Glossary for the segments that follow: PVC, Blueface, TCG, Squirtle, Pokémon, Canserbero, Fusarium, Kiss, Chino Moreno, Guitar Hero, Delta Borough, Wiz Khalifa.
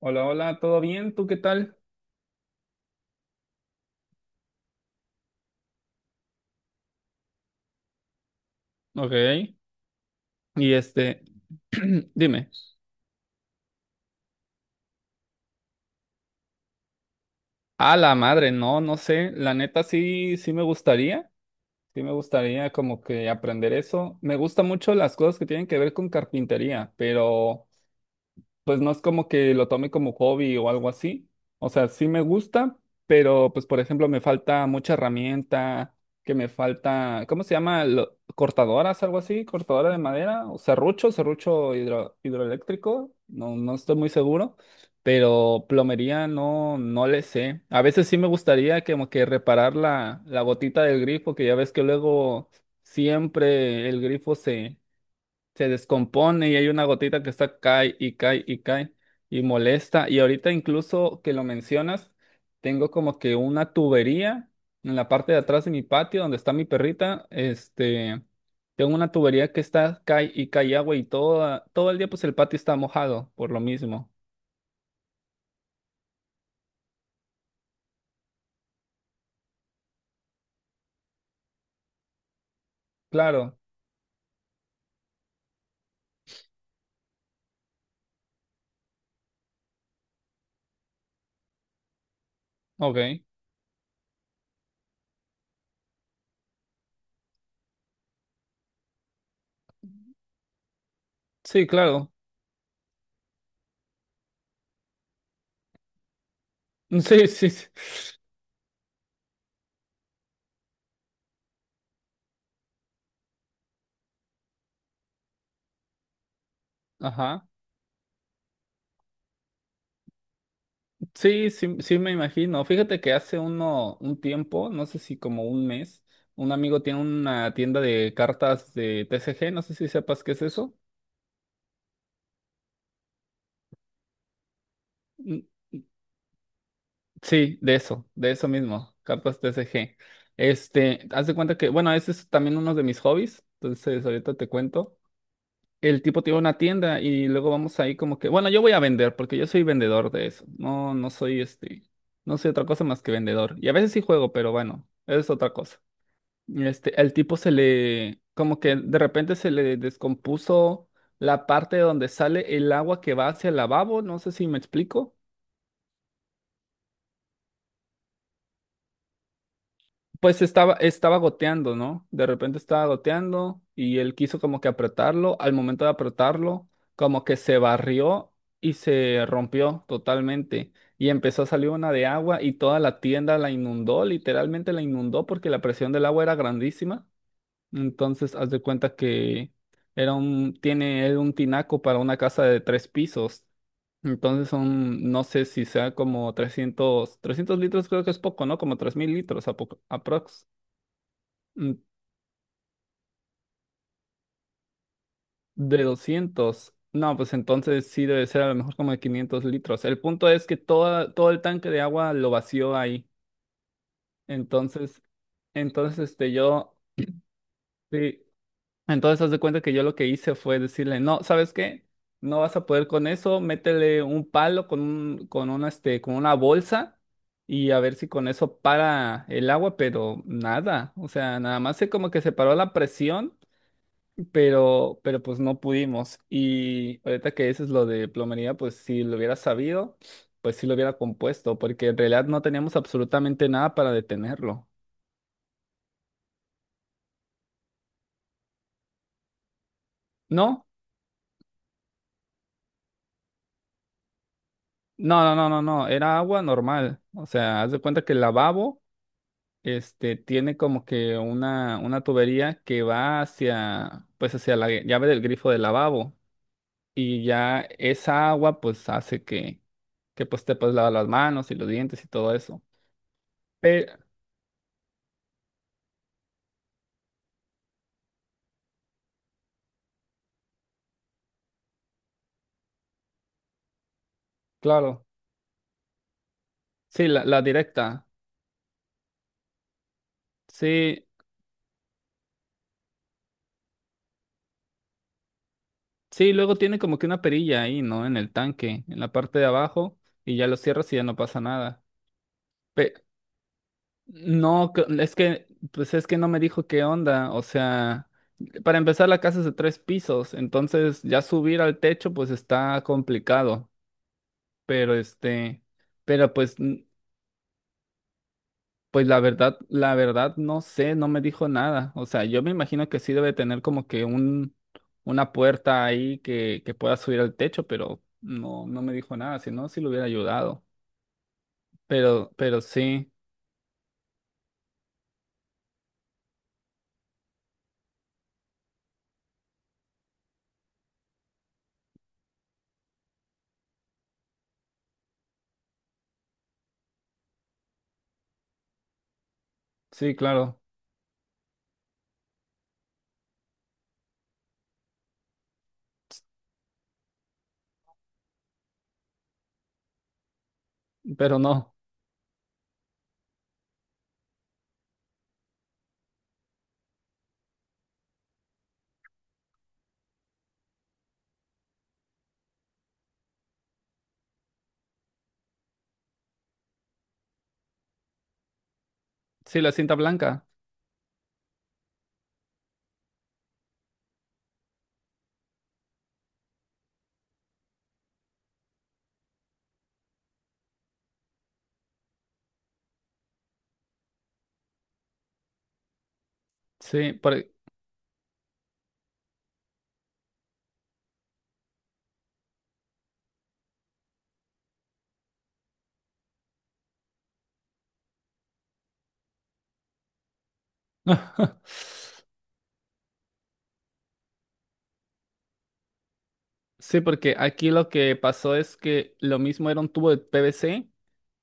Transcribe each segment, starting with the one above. Hola, hola, ¿todo bien? ¿Tú qué tal? Ok. Y este, dime. A la madre, no, no sé. La neta sí, sí me gustaría. Sí me gustaría como que aprender eso. Me gusta mucho las cosas que tienen que ver con carpintería, pero pues no es como que lo tome como hobby o algo así. O sea, sí me gusta, pero pues por ejemplo me falta mucha herramienta, que me falta, ¿cómo se llama? Cortadoras, algo así, cortadora de madera, o serrucho, hidroeléctrico, no, no estoy muy seguro, pero plomería no, no le sé. A veces sí me gustaría como que reparar la, la gotita del grifo, que ya ves que luego siempre el grifo se descompone y hay una gotita que está cae y cae y cae y molesta. Y ahorita incluso que lo mencionas, tengo como que una tubería en la parte de atrás de mi patio donde está mi perrita, este, tengo una tubería que está cae y cae agua y toda, todo el día pues el patio está mojado por lo mismo. Claro, ok. Sí, claro. Sí, sí, sí. Ajá. Sí, sí, sí me imagino. Fíjate que hace un tiempo, no sé si como un mes, un amigo tiene una tienda de cartas de TCG, no sé si sepas qué es eso. Mm, mm, sí, de eso mismo, cartas TCG. Este, haz de cuenta que, bueno, ese es también uno de mis hobbies, entonces ahorita te cuento. El tipo tiene una tienda y luego vamos ahí como que, bueno, yo voy a vender porque yo soy vendedor de eso. No, no soy este, no soy otra cosa más que vendedor. Y a veces sí juego, pero bueno, es otra cosa. Este, el tipo se le, como que de repente se le descompuso la parte donde sale el agua que va hacia el lavabo, no sé si me explico. Pues estaba, estaba goteando, ¿no? De repente estaba goteando y él quiso como que apretarlo. Al momento de apretarlo, como que se barrió y se rompió totalmente. Y empezó a salir una de agua y toda la tienda la inundó, literalmente la inundó porque la presión del agua era grandísima. Entonces, haz de cuenta que era un, tiene él un tinaco para una casa de tres pisos. Entonces son, no sé si sea como 300 litros creo que es poco, ¿no? Como 3000 litros a aprox. Mm, de 200. No, pues entonces sí debe ser a lo mejor como de 500 litros. El punto es que toda, todo el tanque de agua lo vació ahí. Entonces, entonces este yo... sí, entonces, haz de cuenta que yo lo que hice fue decirle, no, ¿sabes qué? No vas a poder con eso, métele un palo con un, con una, este, con una bolsa y a ver si con eso para el agua, pero nada, o sea, nada más se como que se paró la presión, pero pues no pudimos. Y ahorita que dices lo de plomería, pues si lo hubiera sabido, pues sí lo hubiera compuesto, porque en realidad no teníamos absolutamente nada para detenerlo. No, no, no, no, no, no, era agua normal, o sea, haz de cuenta que el lavabo este, tiene como que una tubería que va hacia, pues hacia la llave del grifo del lavabo y ya esa agua pues hace que pues te puedes lavar las manos y los dientes y todo eso. Pero, claro, sí, la directa, sí, sí, luego tiene como que una perilla ahí, ¿no? En el tanque, en la parte de abajo y ya lo cierras y ya no pasa nada. No, que- es que, pues es que no me dijo qué onda. O sea, para empezar, la casa es de tres pisos, entonces ya subir al techo, pues está complicado. Pero este, pero pues, pues la verdad, no sé, no me dijo nada. O sea, yo me imagino que sí debe tener como que un, una puerta ahí que pueda subir al techo, pero no, no me dijo nada, si no, sí le hubiera ayudado. Pero sí, sí, claro, pero no. Sí, la cinta blanca. Sí, por, sí, porque aquí lo que pasó es que lo mismo era un tubo de PVC,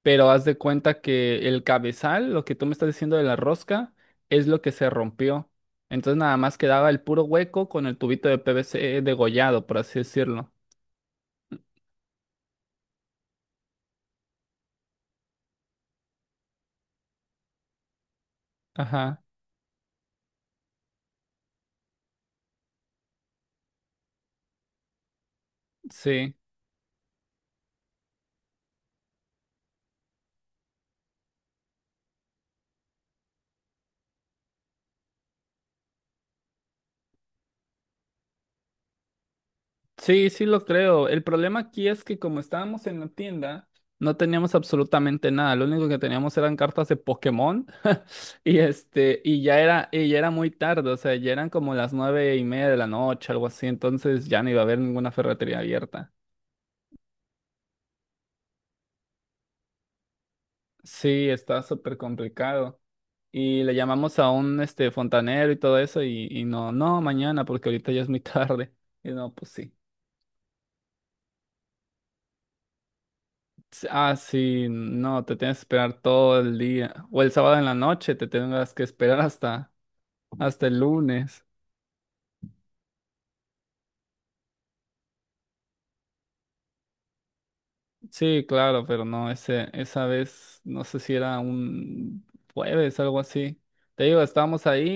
pero haz de cuenta que el cabezal, lo que tú me estás diciendo de la rosca, es lo que se rompió. Entonces nada más quedaba el puro hueco con el tubito de PVC degollado, por así decirlo. Ajá, sí. Sí, sí lo creo. El problema aquí es que como estábamos en la tienda, no teníamos absolutamente nada. Lo único que teníamos eran cartas de Pokémon. Y este, y ya era muy tarde, o sea, ya eran como las 9:30 de la noche, algo así. Entonces ya no iba a haber ninguna ferretería abierta. Sí, está súper complicado. Y le llamamos a un este fontanero y todo eso, y no, no, mañana, porque ahorita ya es muy tarde. Y no, pues sí. Sí, ah, sí, no, te tienes que esperar todo el día. O el sábado en la noche, te tendrás que esperar hasta, hasta el lunes. Sí, claro, pero no, ese, esa vez, no sé si era un jueves, algo así. Te digo, estábamos ahí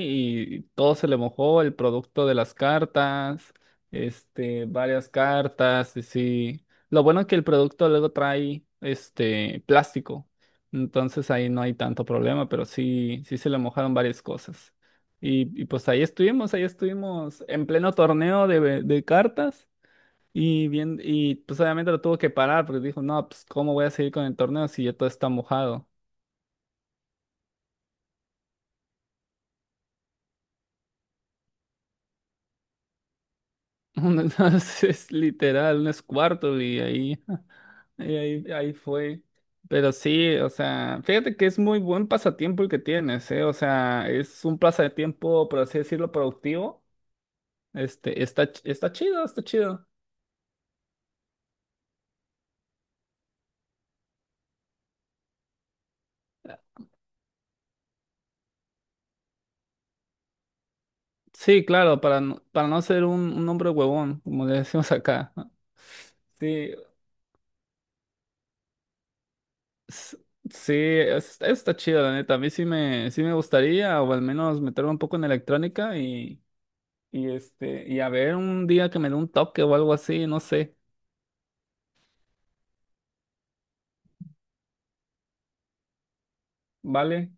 y todo se le mojó, el producto de las cartas, este, varias cartas, y sí. Lo bueno es que el producto luego trae, este, plástico, entonces ahí no hay tanto problema, pero sí, sí se le mojaron varias cosas. Y pues ahí estuvimos en pleno torneo de cartas. Y bien, y pues obviamente lo tuvo que parar porque dijo, no, pues ¿cómo voy a seguir con el torneo si ya todo está mojado? Entonces, es literal, un Squirtle y ahí, y ahí, ahí fue. Pero sí, o sea, fíjate que es muy buen pasatiempo el que tienes, ¿eh? O sea, es un pasatiempo, por así decirlo, productivo. Este, está chido, está chido. Sí, claro, para no ser un hombre huevón, como le decimos acá. Sí, S- sí, está chido, la neta. A mí sí me gustaría, o al menos meterme un poco en electrónica y este, y a ver un día que me dé un toque o algo así, no sé. Vale,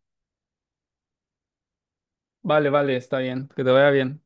vale, vale, está bien, que te vaya bien.